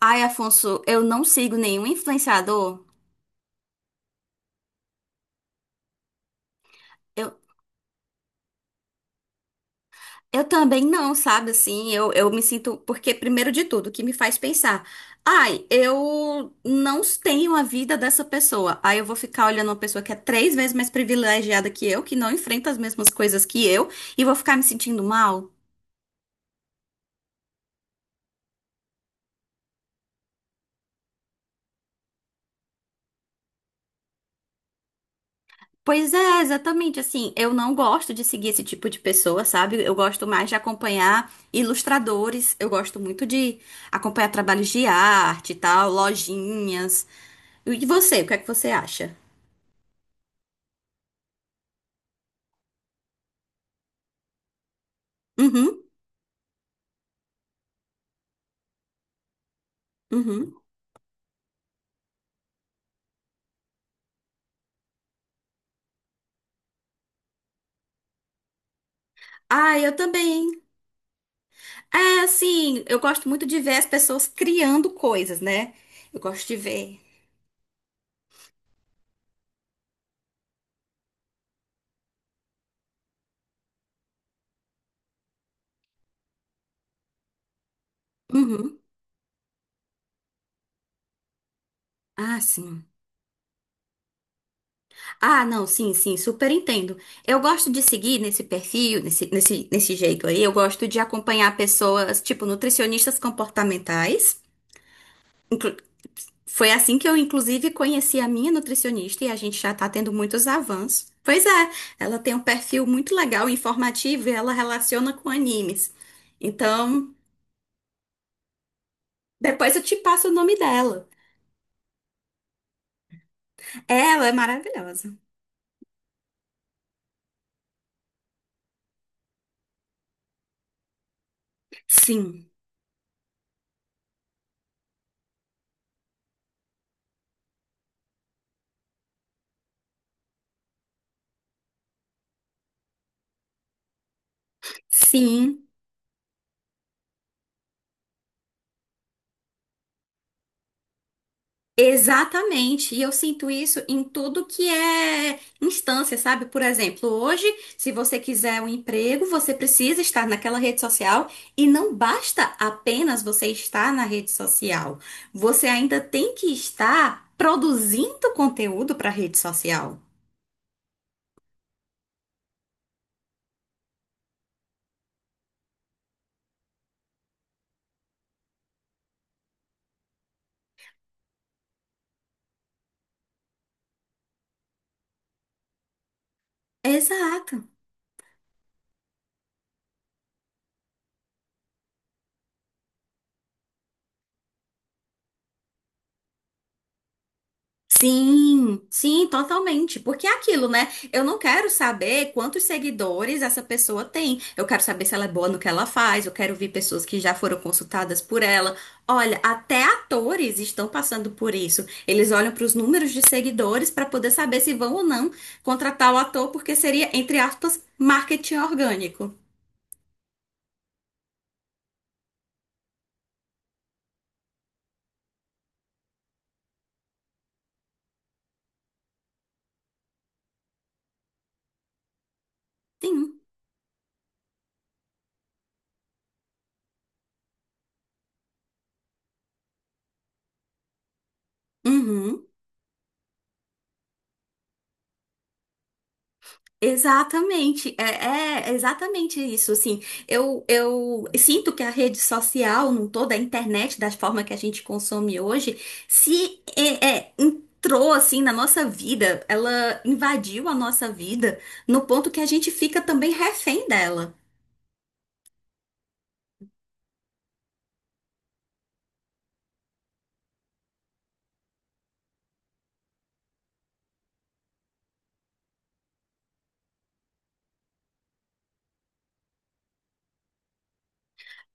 Ai, Afonso, eu não sigo nenhum influenciador. Eu, eu também não, sabe? Assim, eu me sinto. Porque, primeiro de tudo, o que me faz pensar? Ai, eu não tenho a vida dessa pessoa. Aí eu vou ficar olhando uma pessoa que é três vezes mais privilegiada que eu, que não enfrenta as mesmas coisas que eu, e vou ficar me sentindo mal. Pois é, exatamente assim. Eu não gosto de seguir esse tipo de pessoa, sabe? Eu gosto mais de acompanhar ilustradores, eu gosto muito de acompanhar trabalhos de arte e tal, lojinhas. E você, o que é que você acha? Uhum, uhum. Ah, eu também. É, assim, eu gosto muito de ver as pessoas criando coisas, né? Eu gosto de ver. Uhum. Ah, sim. Ah, não, sim, sim, super entendo. Eu gosto de seguir nesse perfil, nesse jeito aí. Eu gosto de acompanhar pessoas, tipo, nutricionistas comportamentais. Inclu- Foi assim que eu, inclusive, conheci a minha nutricionista e a gente já tá tendo muitos avanços. Pois é, ela tem um perfil muito legal, informativo, e ela relaciona com animes. Então, depois eu te passo o nome dela. Ela é maravilhosa. Sim, sim. Exatamente, e eu sinto isso em tudo que é instância, sabe? Por exemplo, hoje, se você quiser um emprego, você precisa estar naquela rede social e não basta apenas você estar na rede social, você ainda tem que estar produzindo conteúdo para a rede social. Exato. Sim, sim, totalmente. Porque é aquilo, né? Eu não quero saber quantos seguidores essa pessoa tem. Eu quero saber se ela é boa no que ela faz. Eu quero ver pessoas que já foram consultadas por ela. Olha, até atores estão passando por isso. Eles olham para os números de seguidores para poder saber se vão ou não contratar o ator, porque seria, entre aspas, marketing orgânico. Sim. Uhum. Exatamente, é exatamente isso, assim, eu sinto que a rede social, não toda a internet, da forma que a gente consome hoje, se entrou, assim, na nossa vida, ela invadiu a nossa vida, no ponto que a gente fica também refém dela.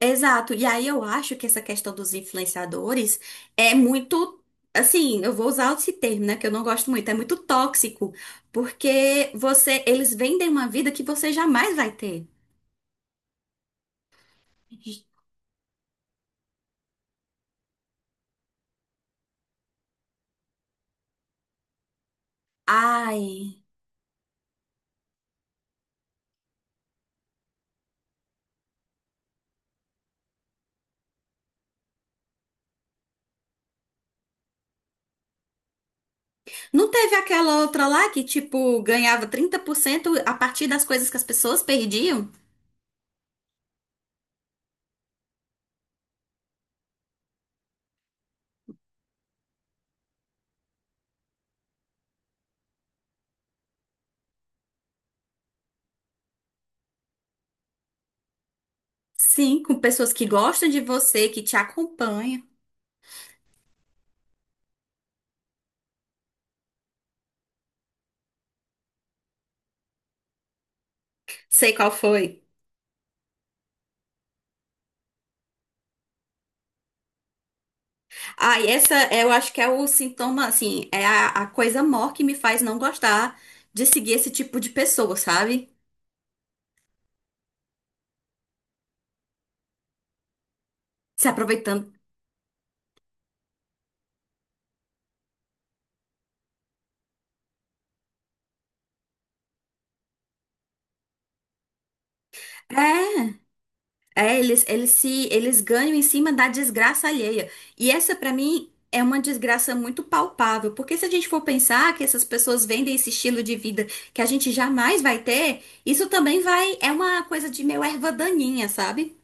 Exato. E aí eu acho que essa questão dos influenciadores é muito, assim, eu vou usar esse termo, né, que eu não gosto muito, é muito tóxico, porque você, eles vendem uma vida que você jamais vai ter. Ai. Não teve aquela outra lá que, tipo, ganhava 30% a partir das coisas que as pessoas perdiam? Sim, com pessoas que gostam de você, que te acompanham. Sei qual foi. Ah, e essa é, eu acho que é o sintoma, assim, é a coisa maior que me faz não gostar de seguir esse tipo de pessoa, sabe? Se aproveitando. É, eles, eles se, eles ganham em cima da desgraça alheia. E essa, pra mim, é uma desgraça muito palpável, porque se a gente for pensar que essas pessoas vendem esse estilo de vida que a gente jamais vai ter, isso também vai, é uma coisa de meio erva daninha, sabe?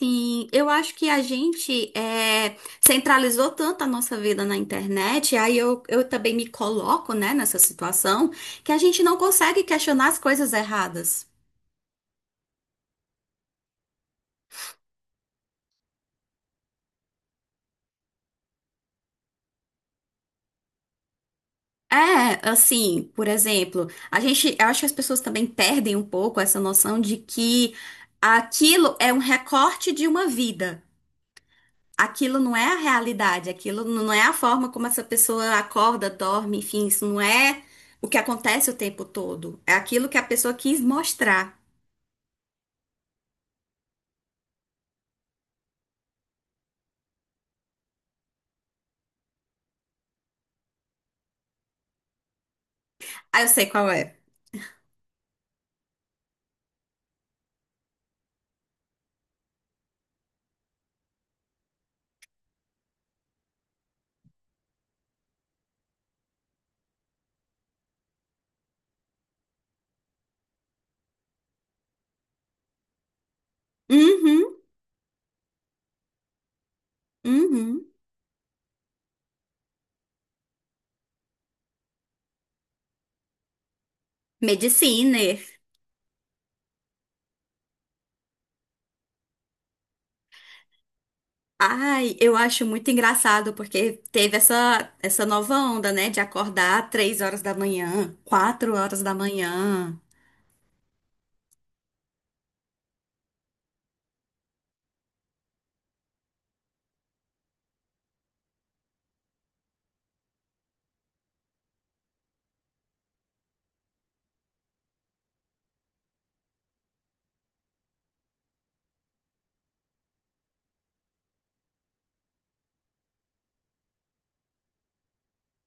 Sim, eu acho que a gente centralizou tanto a nossa vida na internet, aí eu também me coloco, né, nessa situação, que a gente não consegue questionar as coisas erradas. É, assim, por exemplo, a gente, eu acho que as pessoas também perdem um pouco essa noção de que aquilo é um recorte de uma vida. Aquilo não é a realidade, aquilo não é a forma como essa pessoa acorda, dorme, enfim, isso não é o que acontece o tempo todo. É aquilo que a pessoa quis mostrar. Ah, eu sei qual é. Uhum, uhum. Mediciner. Ai, eu acho muito engraçado porque teve essa, nova onda, né, de acordar 3 horas da manhã, 4 horas da manhã.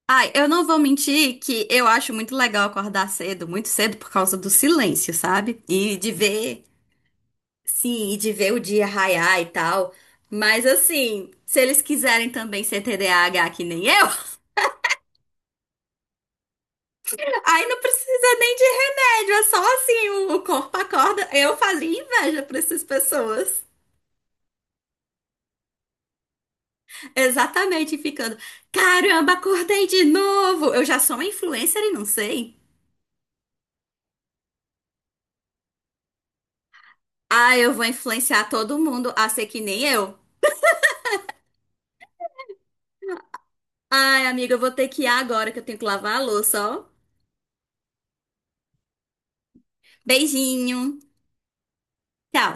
Ai, eu não vou mentir que eu acho muito legal acordar cedo, muito cedo por causa do silêncio, sabe? E de ver. Sim, e de ver o dia raiar e tal. Mas assim, se eles quiserem também ser TDAH que nem eu, aí não precisa nem de remédio, é só assim, o corpo acorda. Eu fazia inveja pra essas pessoas. Exatamente, ficando, caramba, acordei de novo. Eu já sou uma influencer e não sei. Ah, eu vou influenciar todo mundo a ser que nem eu. Ai, amiga, eu vou ter que ir agora que eu tenho que lavar a louça, ó. Beijinho. Tchau.